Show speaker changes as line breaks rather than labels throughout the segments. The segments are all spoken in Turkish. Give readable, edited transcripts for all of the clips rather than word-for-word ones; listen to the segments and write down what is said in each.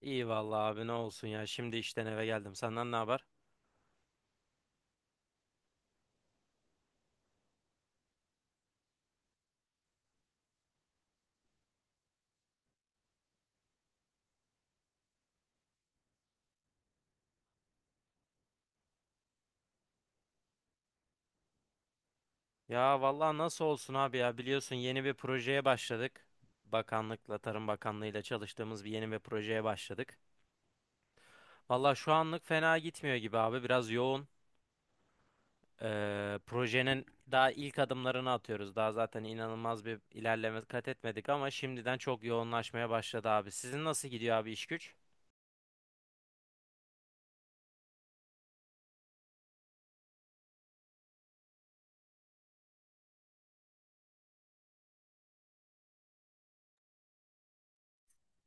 İyi vallahi abi ne olsun ya. Şimdi işten eve geldim. Senden ne haber? Ya vallahi nasıl olsun abi ya. Biliyorsun yeni bir projeye başladık. Bakanlıkla, Tarım Bakanlığıyla çalıştığımız bir yeni bir projeye başladık. Vallahi şu anlık fena gitmiyor gibi abi. Biraz yoğun. Projenin daha ilk adımlarını atıyoruz. Daha zaten inanılmaz bir ilerleme kat etmedik ama şimdiden çok yoğunlaşmaya başladı abi. Sizin nasıl gidiyor abi iş güç?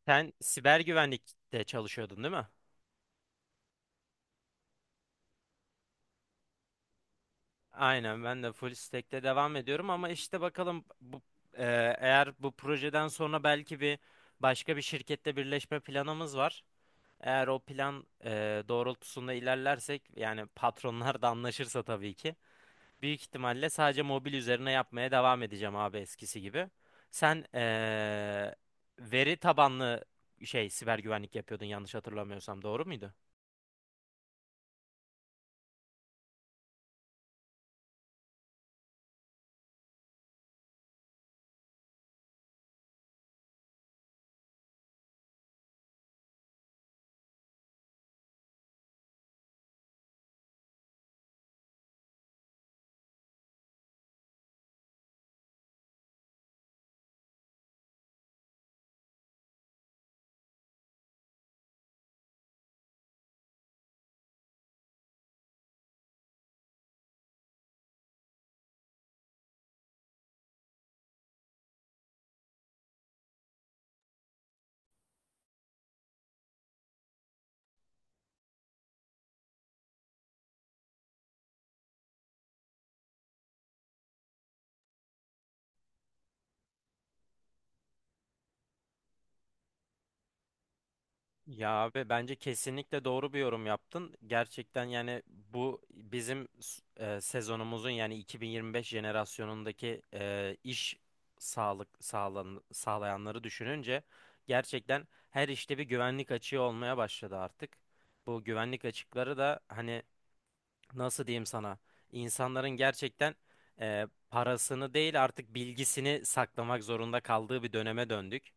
Sen siber güvenlikte çalışıyordun değil mi? Aynen ben de full stack'te devam ediyorum ama işte bakalım e, eğer bu projeden sonra belki bir başka bir şirkette birleşme planımız var. Eğer o plan doğrultusunda ilerlersek yani patronlar da anlaşırsa tabii ki büyük ihtimalle sadece mobil üzerine yapmaya devam edeceğim abi eskisi gibi. Sen veri tabanlı şey siber güvenlik yapıyordun yanlış hatırlamıyorsam doğru muydu? Ya abi bence kesinlikle doğru bir yorum yaptın. Gerçekten yani bu bizim sezonumuzun yani 2025 jenerasyonundaki iş sağlayanları düşününce gerçekten her işte bir güvenlik açığı olmaya başladı artık. Bu güvenlik açıkları da hani nasıl diyeyim sana insanların gerçekten parasını değil artık bilgisini saklamak zorunda kaldığı bir döneme döndük.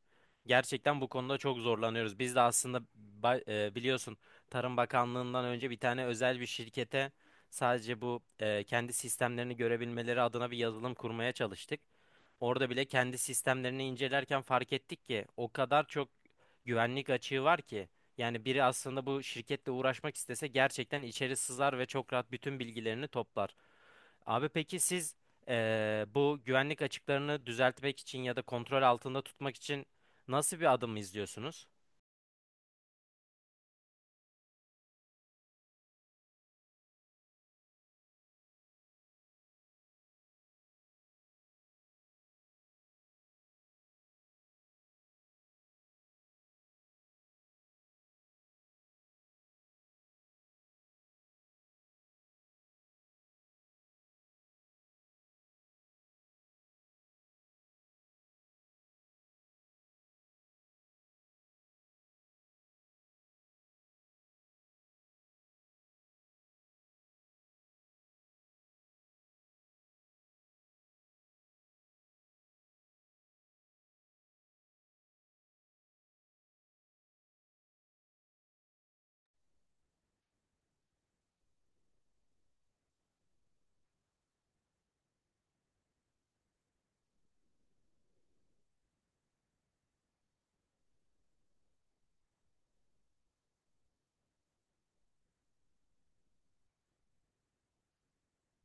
Gerçekten bu konuda çok zorlanıyoruz. Biz de aslında biliyorsun Tarım Bakanlığı'ndan önce bir tane özel bir şirkete sadece bu kendi sistemlerini görebilmeleri adına bir yazılım kurmaya çalıştık. Orada bile kendi sistemlerini incelerken fark ettik ki o kadar çok güvenlik açığı var ki yani biri aslında bu şirketle uğraşmak istese gerçekten içeri sızar ve çok rahat bütün bilgilerini toplar. Abi peki siz bu güvenlik açıklarını düzeltmek için ya da kontrol altında tutmak için nasıl bir adım izliyorsunuz?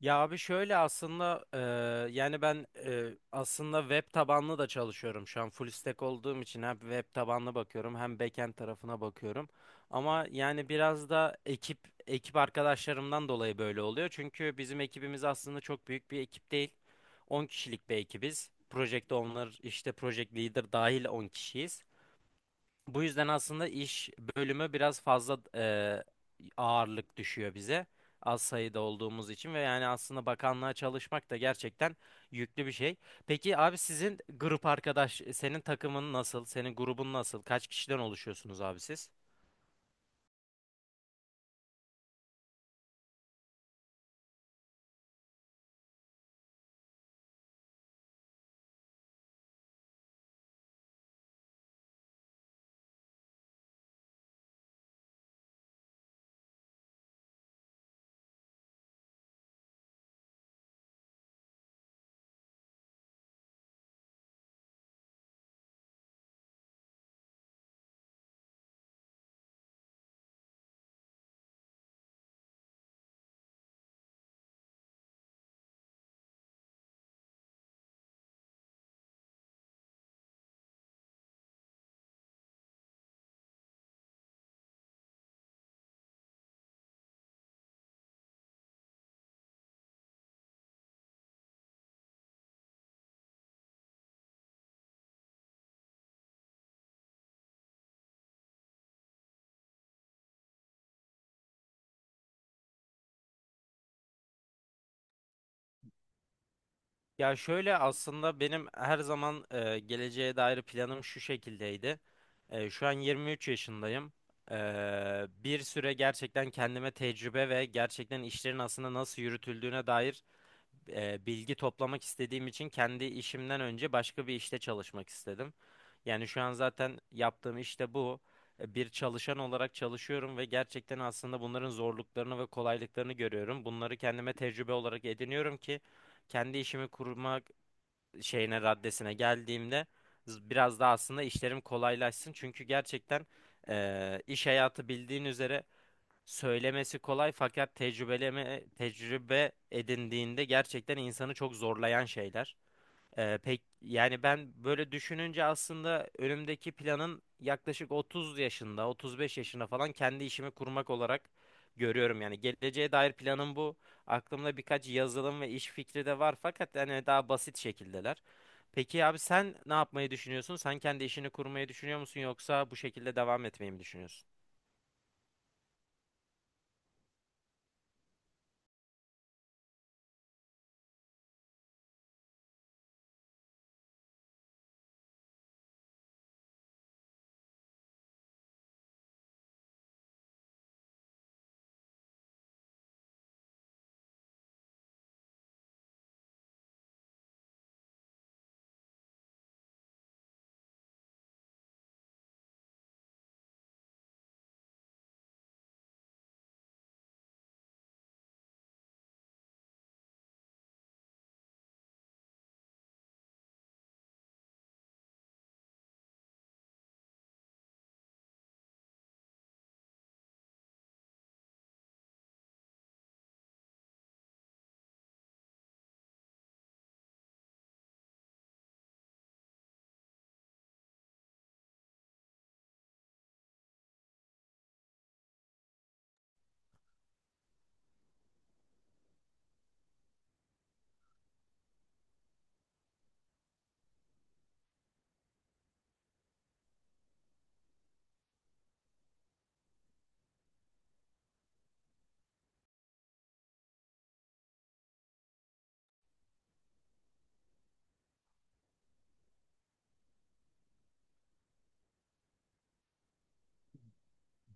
Ya abi şöyle aslında yani ben aslında web tabanlı da çalışıyorum şu an full stack olduğum için hem web tabanlı bakıyorum hem backend tarafına bakıyorum. Ama yani biraz da ekip arkadaşlarımdan dolayı böyle oluyor. Çünkü bizim ekibimiz aslında çok büyük bir ekip değil. On kişilik bir ekibiz. Project owner işte project leader dahil 10 kişiyiz. Bu yüzden aslında iş bölümü biraz fazla ağırlık düşüyor bize. Az sayıda olduğumuz için ve yani aslında bakanlığa çalışmak da gerçekten yüklü bir şey. Peki abi sizin senin takımın nasıl? Senin grubun nasıl? Kaç kişiden oluşuyorsunuz abi siz? Ya şöyle aslında benim her zaman geleceğe dair planım şu şekildeydi. Şu an 23 yaşındayım. E, Bir süre gerçekten kendime tecrübe ve gerçekten işlerin aslında nasıl yürütüldüğüne dair bilgi toplamak istediğim için kendi işimden önce başka bir işte çalışmak istedim. Yani şu an zaten yaptığım işte bu. Bir çalışan olarak çalışıyorum ve gerçekten aslında bunların zorluklarını ve kolaylıklarını görüyorum. Bunları kendime tecrübe olarak ediniyorum ki kendi işimi kurmak raddesine geldiğimde biraz daha aslında işlerim kolaylaşsın. Çünkü gerçekten iş hayatı bildiğin üzere söylemesi kolay fakat tecrübe edindiğinde gerçekten insanı çok zorlayan şeyler. Pek yani ben böyle düşününce aslında önümdeki planın yaklaşık 30 yaşında, 35 yaşında falan kendi işimi kurmak olarak görüyorum. Yani geleceğe dair planım bu. Aklımda birkaç yazılım ve iş fikri de var fakat hani daha basit şekildeler. Peki abi sen ne yapmayı düşünüyorsun? Sen kendi işini kurmayı düşünüyor musun yoksa bu şekilde devam etmeyi mi düşünüyorsun?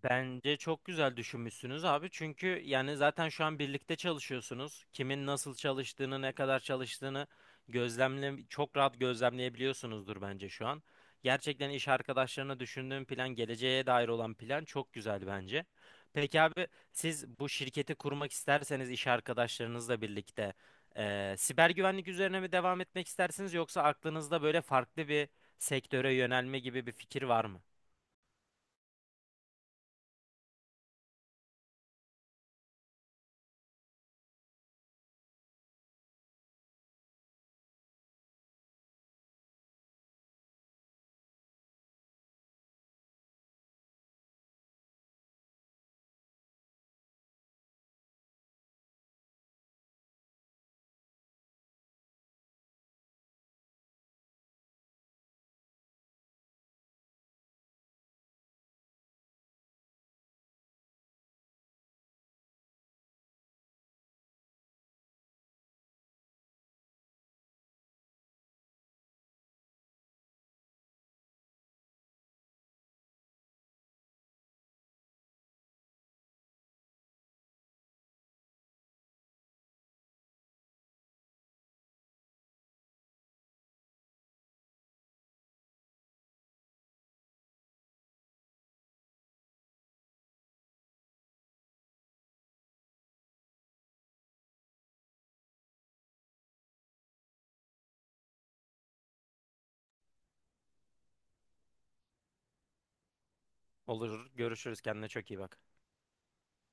Bence çok güzel düşünmüşsünüz abi. Çünkü yani zaten şu an birlikte çalışıyorsunuz. Kimin nasıl çalıştığını, ne kadar çalıştığını çok rahat gözlemleyebiliyorsunuzdur bence şu an. Gerçekten iş arkadaşlarına düşündüğüm plan, geleceğe dair olan plan çok güzel bence. Peki abi siz bu şirketi kurmak isterseniz iş arkadaşlarınızla birlikte siber güvenlik üzerine mi devam etmek istersiniz yoksa aklınızda böyle farklı bir sektöre yönelme gibi bir fikir var mı? Olur, görüşürüz. Kendine çok iyi bak.